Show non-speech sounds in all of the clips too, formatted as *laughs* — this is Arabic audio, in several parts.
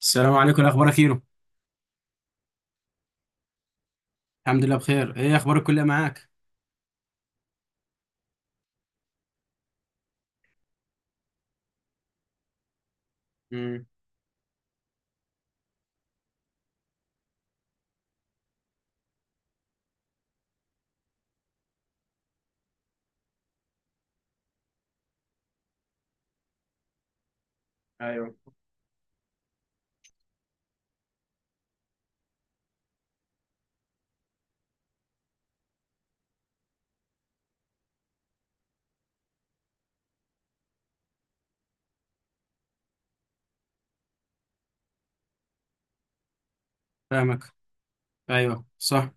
السلام عليكم، إيه اخبارك كيرو؟ الحمد لله بخير. ايه اخبار الكليه معاك؟ امم. ايوه. فاهمك. ايوه صح.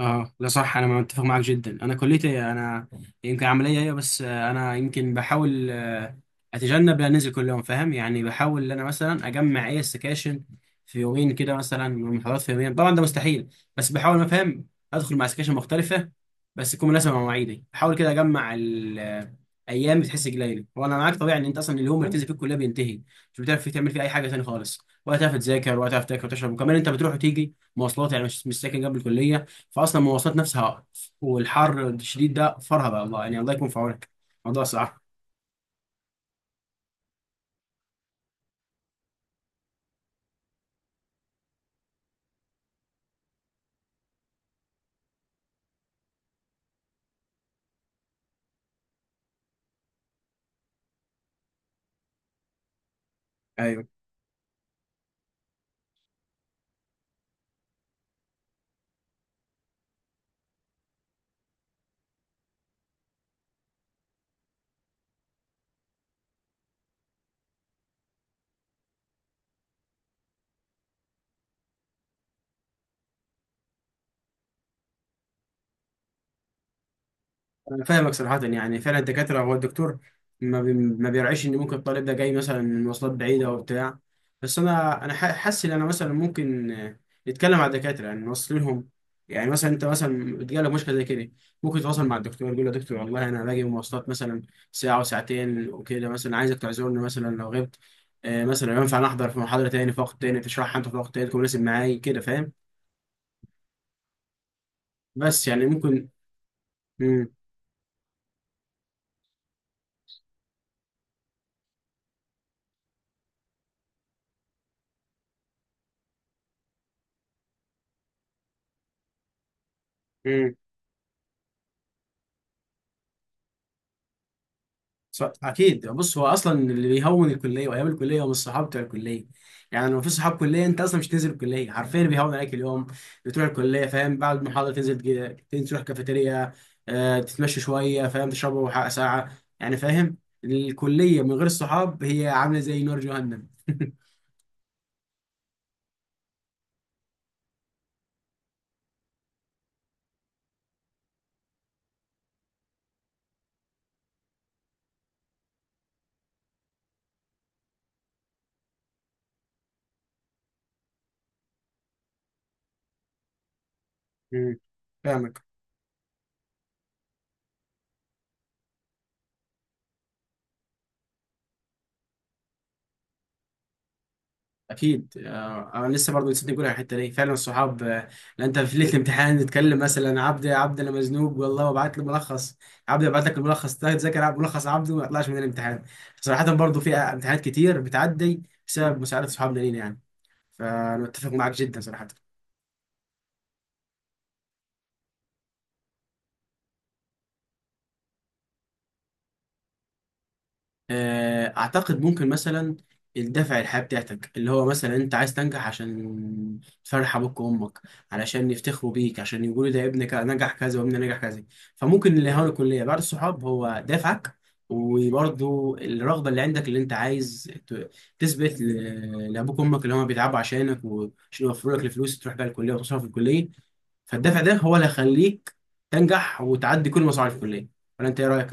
اه لا صح، انا متفق معاك جدا. انا كليتي انا يمكن عمليه هي، بس انا يمكن بحاول، اتجنب ان انزل كل يوم، فاهم يعني. بحاول ان انا مثلا اجمع اي سكاشن في يومين كده، مثلا محاضرات في يومين، طبعا ده مستحيل، بس بحاول. أنا فاهم ادخل مع سكاشن مختلفه، بس تكون مناسبه مع مواعيدي. بحاول كده اجمع الايام بتحس قليله. وانا معاك، طبيعي ان انت اصلا اليوم اللي بتنزل فيه الكليه بينتهي، مش بتعرف فيه تعمل فيه اي حاجه تاني خالص، ولا تعرف تذاكر، ولا تعرف تاكل وتشرب. وكمان انت بتروح وتيجي مواصلات، يعني مش ساكن جنب الكليه، فاصلا المواصلات نفسها والحر الشديد ده فرهضه. الله يعني، الله يكون في عونك. موضوع صعب. ايوه. أنا فاهمك صراحة. يعني فعلا الدكاترة، هو الدكتور ما بيرعيش إن ممكن الطالب ده جاي مثلا من مواصلات بعيدة أو بتاع. بس أنا حاسس إن أنا مثلا ممكن، نتكلم مع الدكاترة يعني نوصل لهم. يعني مثلا أنت مثلا بتجيلك مشكلة زي كده، ممكن تتواصل مع الدكتور، يقول له يا دكتور والله أنا باجي من مواصلات مثلا ساعة وساعتين وكده، مثلا عايزك تعذرني مثلا لو غبت. مثلا ينفع أنا أحضر في محاضرة تاني في وقت تاني، تشرحها أنت في وقت تاني تكون مناسب معايا كده، فاهم. بس يعني ممكن. مم. اكيد. بص هو اصلا اللي بيهون الكليه وايام الكليه هم الصحاب بتوع الكليه. يعني لو في صحاب كليه انت اصلا مش تنزل الكليه حرفيا، اللي بيهون عليك اليوم بتروح الكليه، فاهم، بعد المحاضره تنزل كده، تنزل تروح كافيتيريا، آه، تتمشى شويه فاهم، تشربوا حق ساعه يعني فاهم. الكليه من غير الصحاب هي عامله زي نار جهنم. *laughs* مم. فاهمك. اكيد انا لسه برضه نسيت نقول على الحته دي. فعلا الصحاب، لأن انت في ليله الامتحان نتكلم مثلا، عبد عبد انا مزنوق والله، وابعت له ملخص، عبد ابعت لك الملخص ده، تذاكر ملخص عبد وما يطلعش من الامتحان. صراحه برضه في امتحانات كتير بتعدي بسبب مساعده صحابنا لينا يعني. فانا متفق معاك جدا صراحه. اعتقد ممكن مثلا الدافع، الحياة بتاعتك، اللي هو مثلا انت عايز تنجح عشان تفرح ابوك وامك، علشان يفتخروا بيك، عشان يقولوا ده ابنك نجح كذا وابني نجح كذا. فممكن اللي هو الكلية بعد الصحاب هو دافعك. وبرضه الرغبة اللي عندك، اللي انت عايز تثبت لابوك وامك اللي هم بيتعبوا عشانك، وعشان يوفروا لك الفلوس تروح بقى الكلية وتصرف في الكلية. فالدافع ده هو اللي هيخليك تنجح وتعدي كل مصاعب الكلية. ولا انت ايه رأيك؟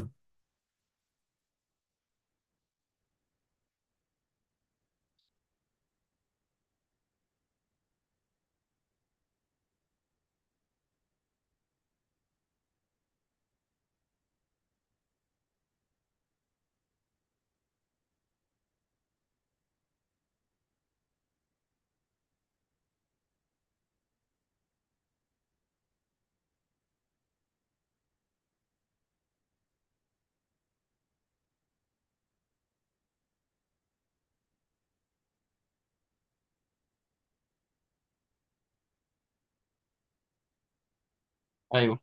ايوه.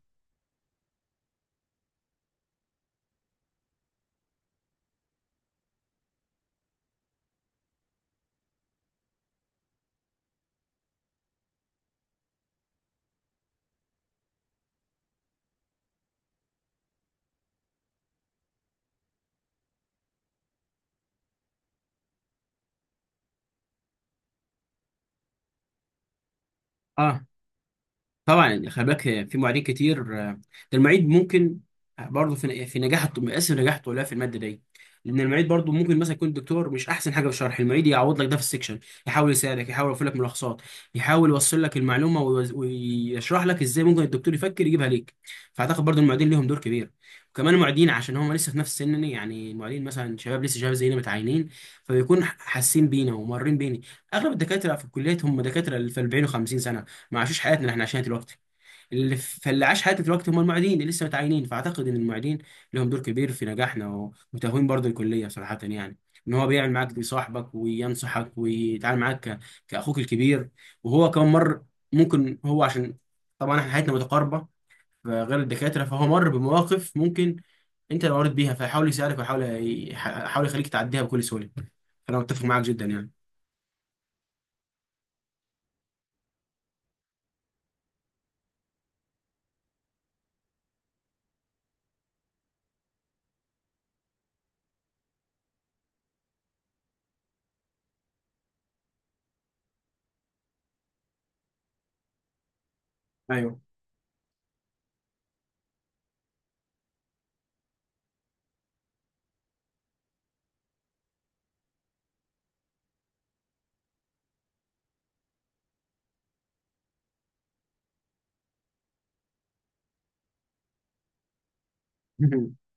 اه طبعا. يعني خلي بالك، في معيدين كتير. آه، ده المعيد ممكن برضه في نجاح مقاس نجاح الطلاب في الماده دي. لان المعيد برضه ممكن مثلا يكون الدكتور مش احسن حاجه في الشرح، المعيد يعوض لك ده في السكشن، يحاول يساعدك، يحاول يوفر لك ملخصات، يحاول يوصل لك المعلومه، ويشرح لك ازاي ممكن الدكتور يفكر يجيبها ليك. فاعتقد برضه المعيدين ليهم دور كبير. وكمان المعيدين عشان هم لسه في نفس سننا يعني، المعيدين مثلا شباب، لسه شباب زينا متعينين، فبيكون حاسين بينا ومارين بينا. اغلب الدكاتره في الكليات هم دكاتره في 40 و50 سنه، ما عاشوش حياتنا اللي احنا عايشينها دلوقتي. اللي عاش حياته دلوقتي هم المعيدين اللي لسه متعينين. فاعتقد ان المعيدين لهم دور كبير في نجاحنا وتهوين برضه الكليه صراحه يعني. ان هو بيعمل معاك صاحبك وينصحك ويتعامل معاك كاخوك الكبير. وهو كمان مر، ممكن هو عشان طبعا احنا حياتنا متقاربه غير الدكاتره، فهو مر بمواقف ممكن انت اللي مريت بيها، فيحاول يساعدك ويحاول يحاول يخليك تعديها بكل سهوله. فانا متفق معاك جدا يعني. ايوه. *laughs*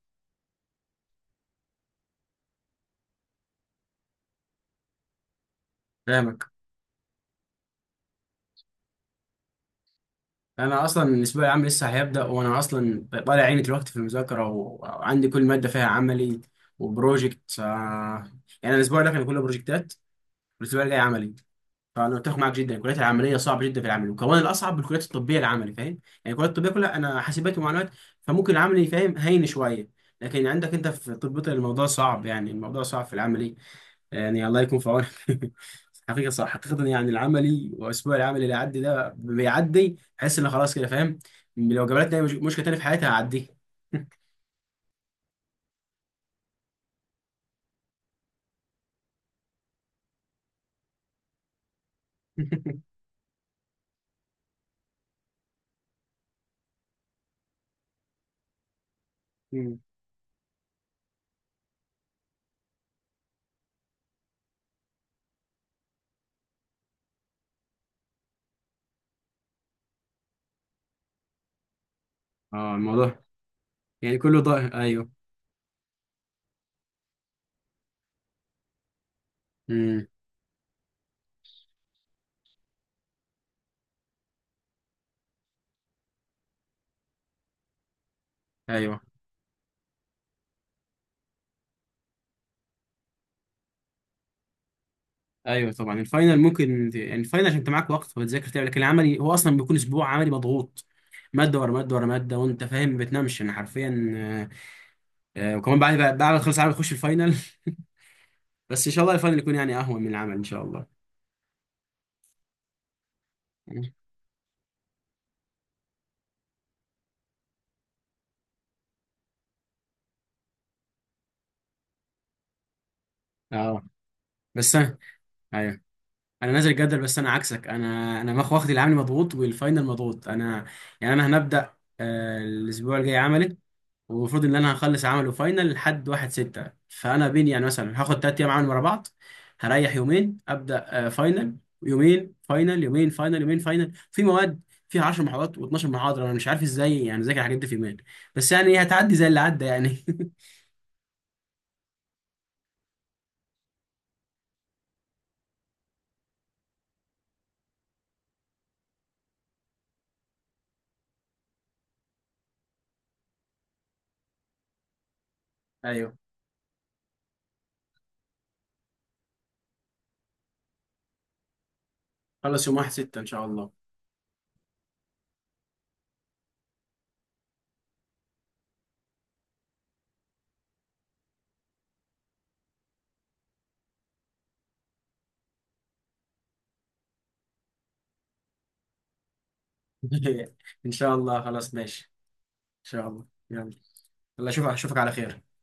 فاهمك. انا اصلا الاسبوع العام لسه هيبدا، وانا اصلا طالع عيني دلوقتي في المذاكره، وعندي كل ماده فيها عملي وبروجكت. يعني الاسبوع ده كان كله بروجكتات، والاسبوع الجاي عملي. فانا متفق معاك جدا، الكليات العمليه صعبه جدا في العمل، وكمان الاصعب بالكليات الطبيه العملي، فاهم يعني. الكليات الطبيه كلها، انا حاسبات ومعلومات فممكن العملي، فاهم، هين شويه. لكن عندك انت في طب بيطري الموضوع صعب، يعني الموضوع صعب في العملي، يعني الله يكون في عونك. *laughs* حقيقة صح. حقيقة يعني العملي وأسبوع العمل اللي عدي ده، بيعدي بحس إن خلاص كده فاهم، لو جابلتني أي مشكلة تاني في حياتي هعديه. *laughs* مم. اه الموضوع يعني كله ضايع. ايوه. امم. ايوه. ايوه طبعا الفاينل ممكن، يعني الفاينل عشان انت معاك وقت وتذاكر تعمل. لكن العملي هو اصلا بيكون اسبوع عملي مضغوط، ماده ورا ماده ورا ماده، وانت فاهم ما بتنامش انا حرفيا. وكمان بعد ما تخلص العمل تخش الفاينل. *laughs* بس ان شاء الله الفاينل يكون يعني اهون من العمل ان شاء الله. اه بس، ايوه انا نازل الجدول، بس انا عكسك، انا واخد العملي مضغوط والفاينل مضغوط انا. يعني انا هنبدا، الاسبوع الجاي عملي، والمفروض ان انا هخلص عمل وفاينل لحد 1 6. فانا بين يعني مثلا هاخد 3 ايام عمل ورا بعض، هريح يومين، ابدا فاينل، يومين فاينل، يومين فاينل، يومين فاينل، في مواد فيها 10 محاضرات و12 محاضره، انا مش عارف ازاي يعني ذاكر الحاجات دي في يومين. بس يعني إيه، هتعدي زي اللي عدى يعني. *laughs* ايوه خلص يوم 1 6 ان شاء الله. *laughs* ان شاء الله. خلاص ماشي ان شاء الله. يلا، الله اشوفك، اشوفك على خير.